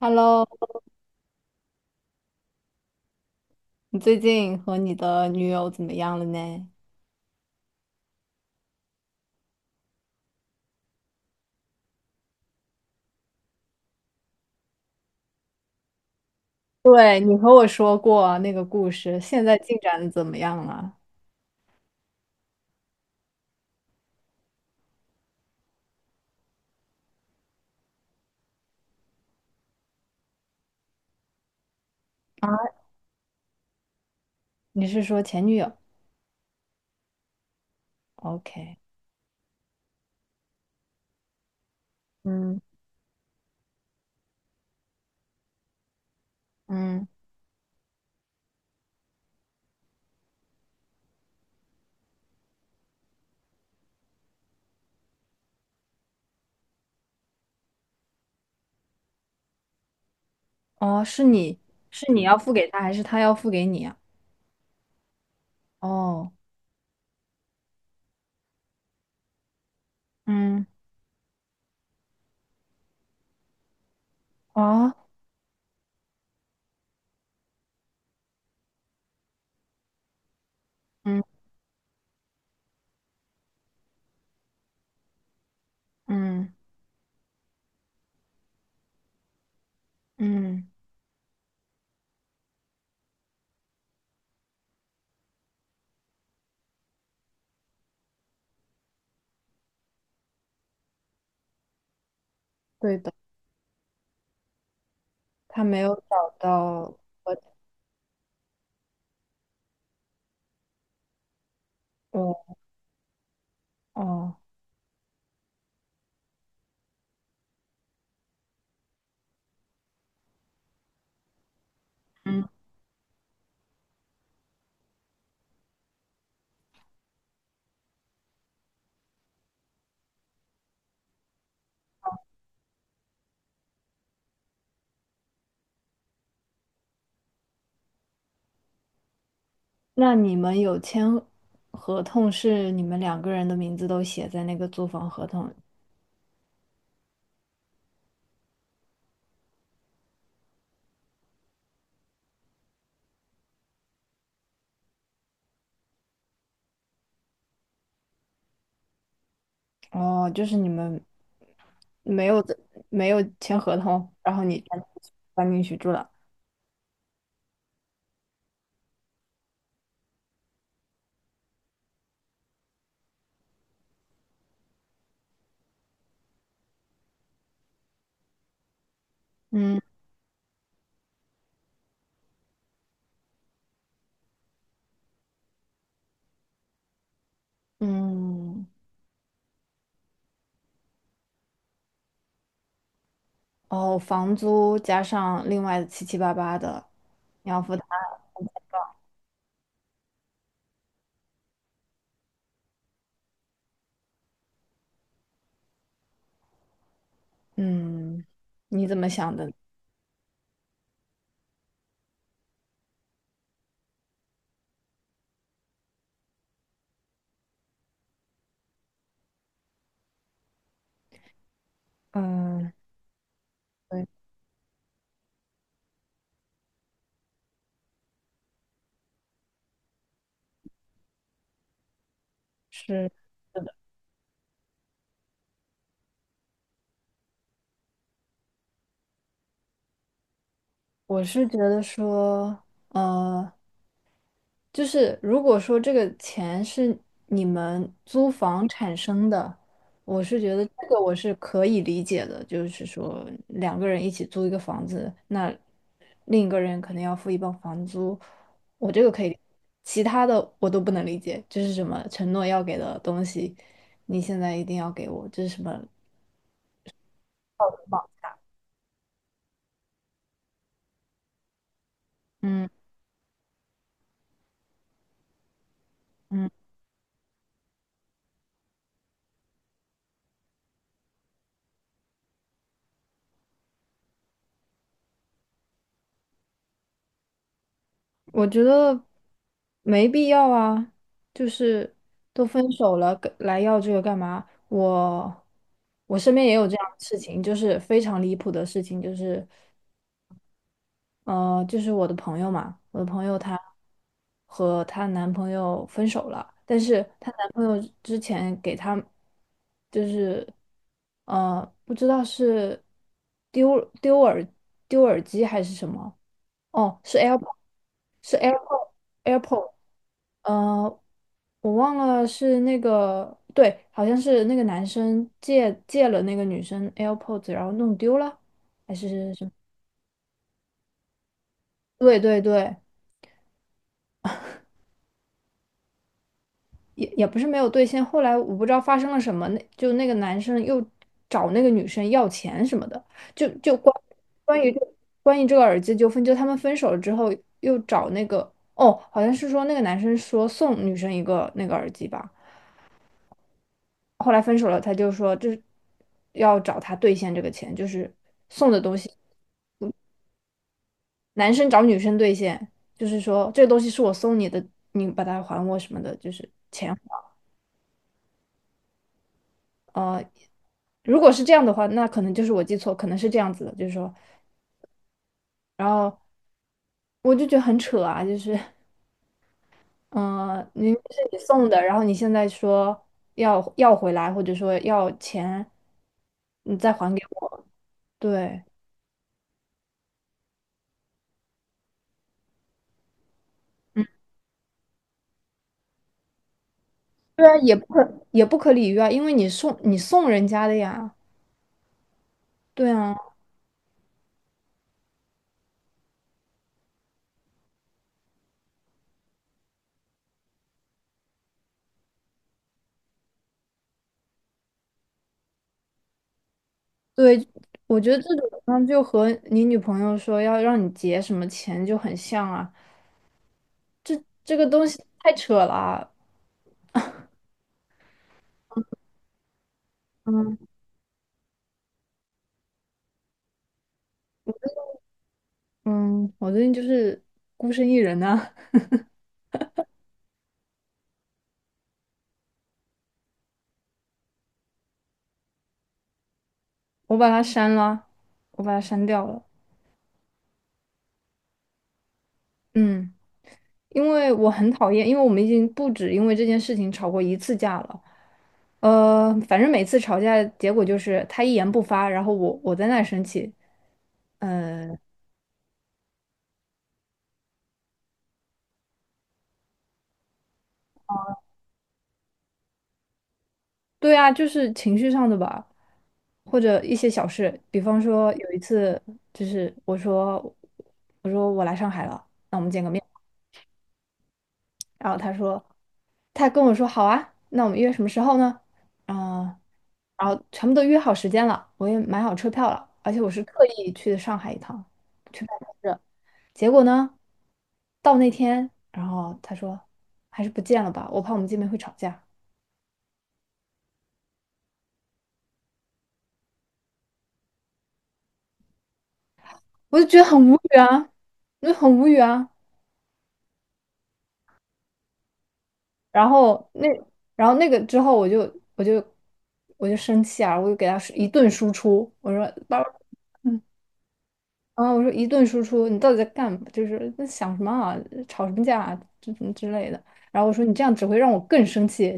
Hello，你最近和你的女友怎么样了呢？对，你和我说过那个故事，现在进展的怎么样了？啊，你是说前女友？OK，嗯，嗯哦，是你要付给他，还是他要付给你啊？哦，嗯，啊，嗯嗯嗯，对的，他没有找到我，哦，哦，嗯，那你们有签合同是你们两个人的名字都写在那个租房合同哦，就是你们没有的，没有签合同，然后你搬进去住了。嗯嗯，哦，房租加上另外七七八八的，你要付他。嗯，你怎么想的？嗯，对，是是的，我是觉得说，呃，就是如果说这个钱是你们租房产生的，我是觉得这个我是可以理解的，就是说两个人一起租一个房子，那另一个人可能要付一半房租，我这个可以理解，其他的我都不能理解，就是什么承诺要给的东西，你现在一定要给我，这是什么？嗯嗯。我觉得没必要啊，就是都分手了，跟来要这个干嘛？我身边也有这样的事情，就是非常离谱的事情，就是就是我的朋友嘛，我的朋友她和她男朋友分手了，但是她男朋友之前给她就是不知道是丢丢耳丢耳机还是什么，哦，是 AirPod，s 是 AirPod。s AirPod s 呃，我忘了是那个，对，好像是那个男生借了那个女生 AirPods，然后弄丢了，还是什么？对对对，也不是没有兑现。后来我不知道发生了什么，那就那个男生又找那个女生要钱什么的，就关于这关于这个耳机纠纷，就他们分手了之后又找那个，哦，好像是说那个男生说送女生一个那个耳机吧。后来分手了，他就说就是要找他兑现这个钱，就是送的东西，男生找女生兑现，就是说这个东西是我送你的，你把它还我什么的，就是钱。呃，如果是这样的话，那可能就是我记错，可能是这样子的，就是说，然后我就觉得很扯啊，就是嗯，明明是你送的，然后你现在说要回来，或者说要钱，你再还给我，对。对啊，也不可理喻啊，因为你送人家的呀。对啊，对，我觉得这种呢就和你女朋友说要让你结什么钱就很像啊，这个东西太扯了啊。嗯嗯，我最近就是孤身一人啊，我把它删了，我把它删掉了。嗯，因为我很讨厌，因为我们已经不止因为这件事情吵过一次架了。反正每次吵架结果就是他一言不发，然后我在那儿生气。嗯。对啊，就是情绪上的吧，或者一些小事，比方说有一次，就是我说我来上海了，然后他跟我说好啊，那我们约什么时候呢？啊、然后全部都约好时间了，我也买好车票了，而且我是特意去的上海一趟去办公室，结果呢，到那天，然后他说还是不见了吧，我怕我们见面会吵架，我就觉得很无语啊，我就很无语啊。然后那，然后那个之后我就我就生气啊，我就给他一顿输出，我说爸爸嗯，然后我说一顿输出，你到底在干嘛？就是在想什么啊，吵什么架啊，么之类的。然后我说你这样只会让我更生气。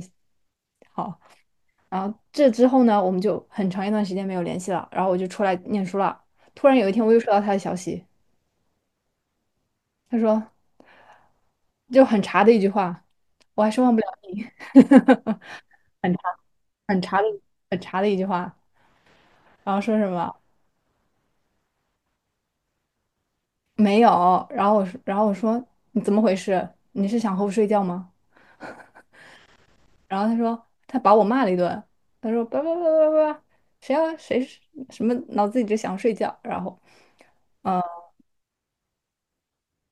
好，然后这之后呢，我们就很长一段时间没有联系了。然后我就出来念书了。突然有一天，我又收到他的消息，他说就很茶的一句话，我还是忘不了你。很长的很长的一句话，然后说什么没有，然后我说你怎么回事？你是想和我睡觉吗？然后他说他把我骂了一顿，他说叭叭叭叭叭，谁是什么脑子里只想睡觉，呃，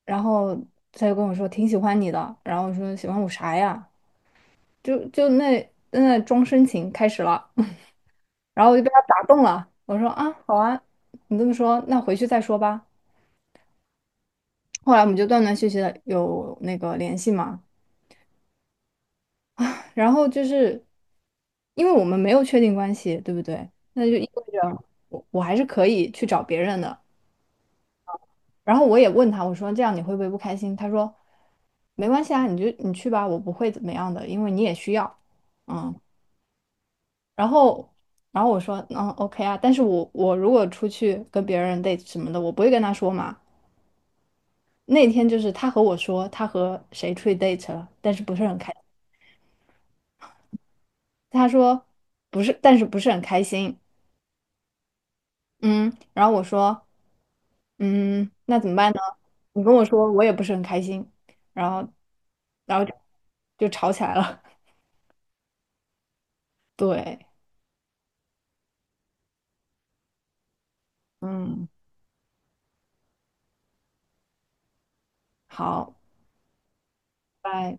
然后他就跟我说挺喜欢你的，然后我说喜欢我啥呀？就那装深情开始了，然后我就被他打动了，我说啊好啊，你这么说那回去再说吧。后来我们就断断续续的有那个联系嘛。然后就是因为我们没有确定关系，对不对？那就意味着我还是可以去找别人的。然后我也问他，我说这样你会不会不开心？他说没关系啊，你就你去吧，我不会怎么样的，因为你也需要，嗯。然后然后我说嗯，OK 啊，但是我如果出去跟别人 date 什么的，我不会跟他说嘛。那天就是他和我说他和谁出去 date 了，但是不是很开，他说不是，但是不是很开心。嗯，然后我说，嗯，那怎么办呢？你跟我说，我也不是很开心，然后，然后就吵起来了。对，嗯，好，拜。